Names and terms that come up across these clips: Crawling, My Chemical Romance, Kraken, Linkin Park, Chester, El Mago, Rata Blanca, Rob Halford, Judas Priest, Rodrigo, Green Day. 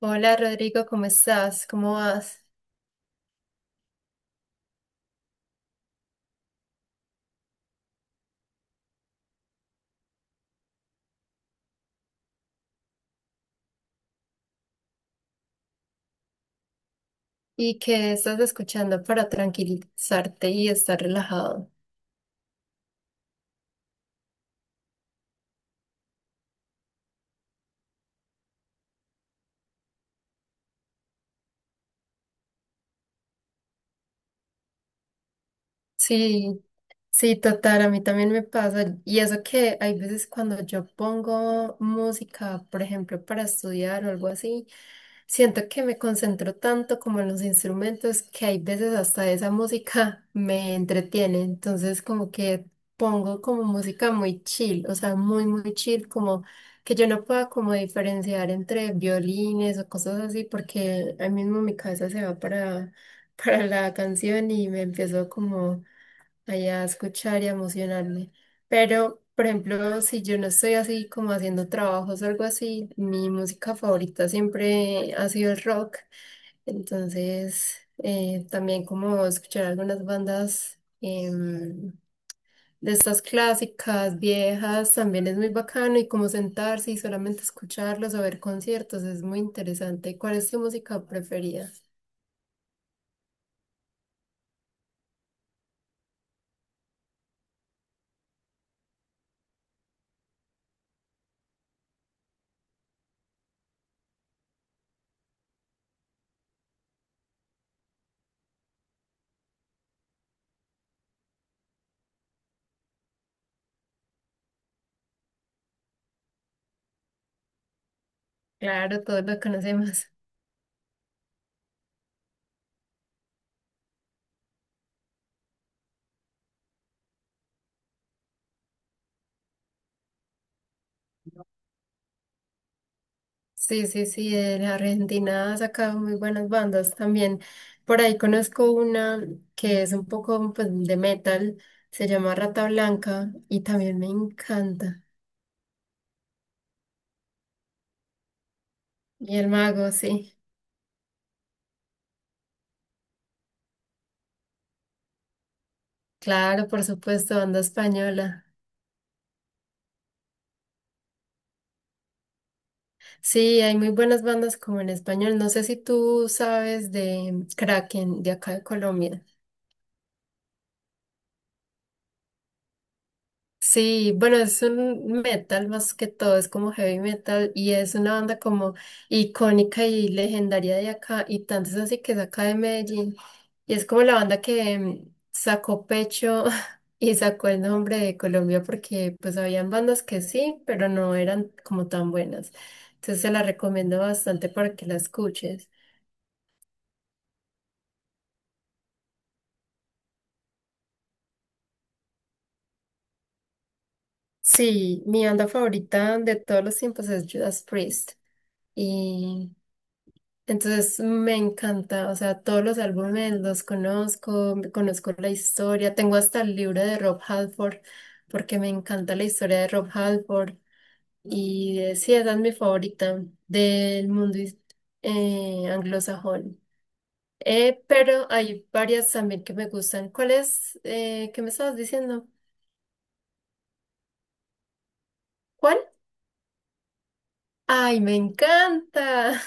Hola Rodrigo, ¿cómo estás? ¿Cómo vas? ¿Y qué estás escuchando para tranquilizarte y estar relajado? Sí, sí, total, a mí también me pasa. Y eso que hay veces cuando yo pongo música, por ejemplo, para estudiar o algo así, siento que me concentro tanto como en los instrumentos que hay veces hasta esa música me entretiene. Entonces, como que pongo como música muy chill, o sea, muy, muy chill, como que yo no pueda como diferenciar entre violines o cosas así, porque ahí mismo mi cabeza se va para, para la canción y me empiezo como allá a escuchar y a emocionarme. Pero, por ejemplo, si yo no estoy así como haciendo trabajos o algo así, mi música favorita siempre ha sido el rock. Entonces, también como escuchar algunas bandas de estas clásicas, viejas, también es muy bacano y como sentarse y solamente escucharlos o ver conciertos es muy interesante. ¿Cuál es tu música preferida? Claro, todos lo conocemos. Sí, sí, sí, de La Argentina ha sacado muy buenas bandas también. Por ahí conozco una que es un poco pues, de metal, se llama Rata Blanca y también me encanta. Y El Mago, sí. Claro, por supuesto, banda española. Sí, hay muy buenas bandas como en español. No sé si tú sabes de Kraken, de acá de Colombia. Sí, bueno, es un metal más que todo, es como heavy metal y es una banda como icónica y legendaria de acá y tanto es así que es acá de Medellín y es como la banda que sacó pecho y sacó el nombre de Colombia porque pues habían bandas que sí, pero no eran como tan buenas. Entonces se la recomiendo bastante para que la escuches. Sí, mi banda favorita de todos los tiempos es Judas Priest. Y entonces me encanta, o sea, todos los álbumes los conozco, conozco la historia, tengo hasta el libro de Rob Halford, porque me encanta la historia de Rob Halford, y sí, esa es mi favorita del mundo anglosajón. Pero hay varias también que me gustan. ¿Cuál es? ¿Qué me estabas diciendo? ¿Cuál? ¡Ay, me encanta!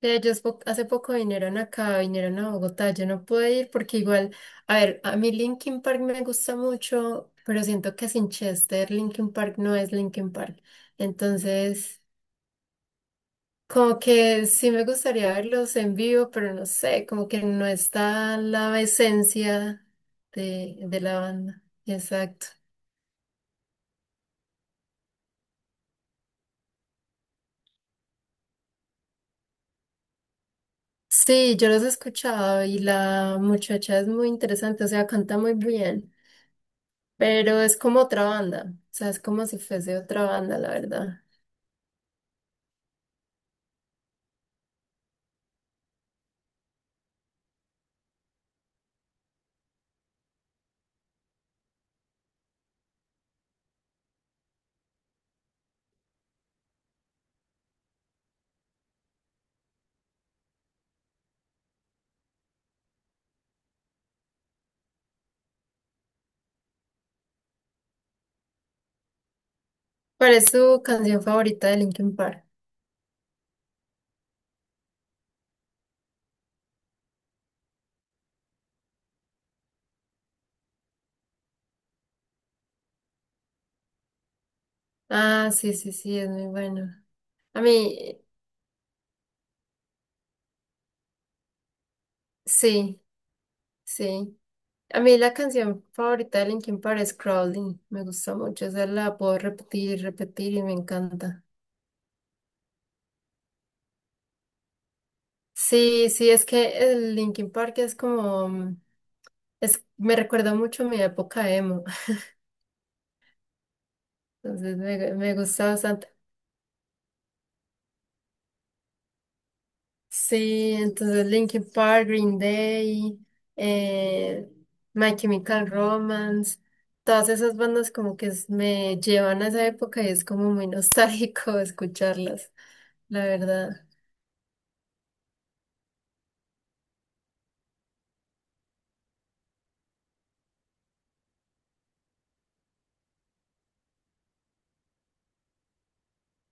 De ellos hace poco vinieron acá, vinieron a Bogotá, yo no pude ir porque igual, a ver, a mí Linkin Park me gusta mucho, pero siento que sin Chester Linkin Park no es Linkin Park. Entonces, como que sí me gustaría verlos en vivo, pero no sé, como que no está la esencia de la banda. Exacto. Sí, yo los he escuchado y la muchacha es muy interesante, o sea, canta muy bien. Pero es como otra banda, o sea, es como si fuese otra banda, la verdad. ¿Cuál es su canción favorita de Linkin Park? Ah, sí, sí, sí, es muy bueno. A mí, sí, sí. A mí la canción favorita de Linkin Park es Crawling, me gusta mucho, esa la puedo repetir y repetir y me encanta. Sí, sí, es que el Linkin Park es como, mm, es, me recuerda mucho a mi época emo, entonces me gusta bastante. Sí, entonces Linkin Park, Green Day, eh, My Chemical Romance, todas esas bandas como que me llevan a esa época y es como muy nostálgico escucharlas, la verdad.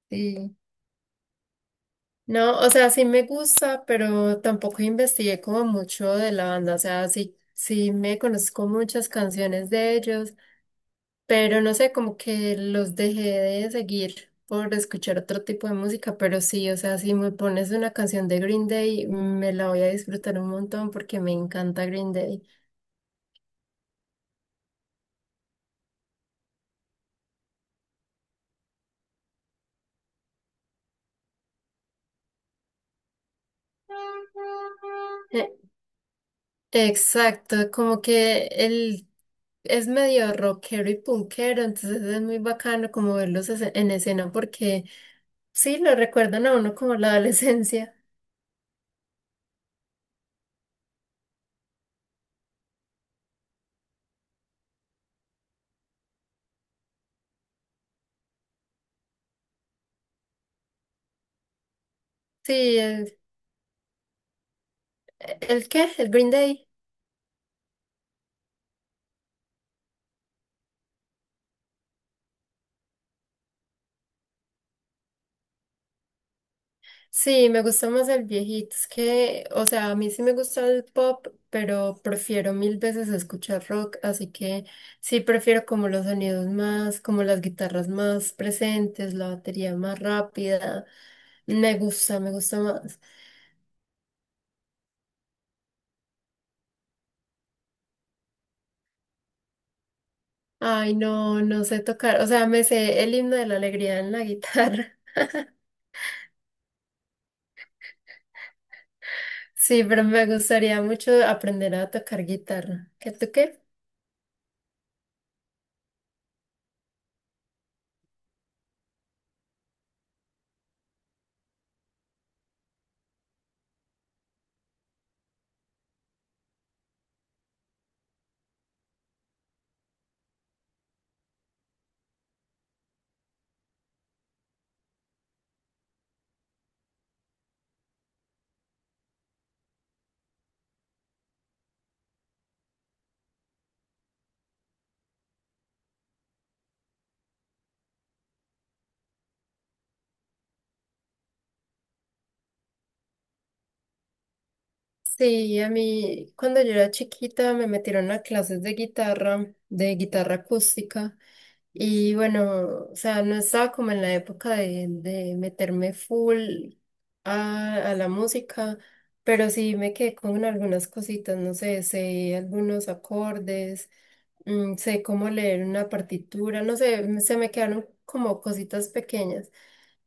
Sí. No, o sea, sí me gusta, pero tampoco investigué como mucho de la banda, o sea, sí, sí me conozco muchas canciones de ellos, pero no sé, como que los dejé de seguir por escuchar otro tipo de música, pero sí, o sea, si me pones una canción de Green Day, me la voy a disfrutar un montón porque me encanta Green Day. Eh, Exacto, como que el es medio rockero y punkero, entonces es muy bacano como verlos en escena porque sí, lo recuerdan a uno como la adolescencia. Sí, el, ¿El qué? ¿El Green Day? Sí, me gusta más el viejito. Es que, o sea, a mí sí me gusta el pop, pero prefiero mil veces escuchar rock, así que sí prefiero como los sonidos más, como las guitarras más presentes, la batería más rápida. Me gusta más. Ay, no, no sé tocar. O sea, me sé el himno de la alegría en la guitarra. Sí, pero me gustaría mucho aprender a tocar guitarra. ¿Qué tú qué? Sí, a mí cuando yo era chiquita me metieron a clases de guitarra acústica. Y bueno, o sea, no estaba como en la época de meterme full a la música, pero sí me quedé con algunas cositas, no sé, sé algunos acordes, mm, sé cómo leer una partitura, no sé, se me quedaron como cositas pequeñas.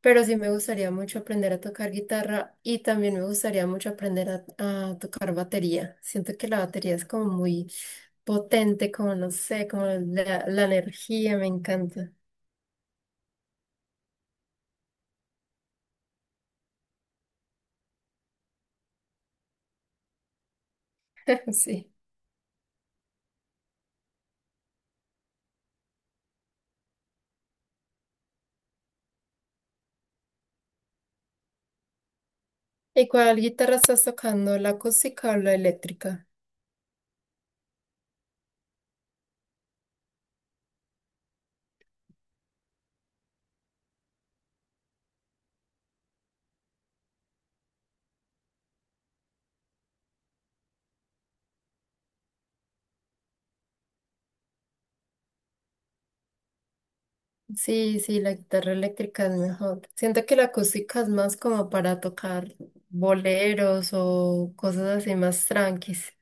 Pero sí me gustaría mucho aprender a tocar guitarra y también me gustaría mucho aprender a tocar batería. Siento que la batería es como muy potente, como no sé, como la energía, me encanta. Sí. ¿Y cuál guitarra estás tocando? ¿La acústica o la eléctrica? Sí, sí, la guitarra eléctrica es mejor. Siento que la acústica es más como para tocar boleros o cosas así más tranquis.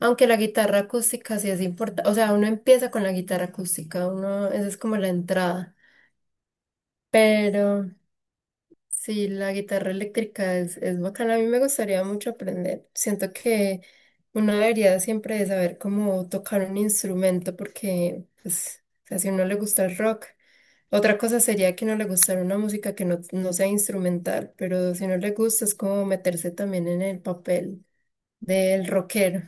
Aunque la guitarra acústica sí es importante. O sea, uno empieza con la guitarra acústica, uno, esa es como la entrada. Pero sí, la guitarra eléctrica es bacana. A mí me gustaría mucho aprender. Siento que uno debería siempre de saber cómo tocar un instrumento porque, pues, o sea, si a uno le gusta el rock. Otra cosa sería que no le gustara una música que no, no sea instrumental, pero si no le gusta es como meterse también en el papel del rockero.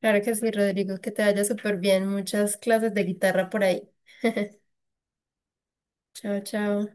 Claro que sí, Rodrigo, que te vaya súper bien. Muchas clases de guitarra por ahí. Chao, chao.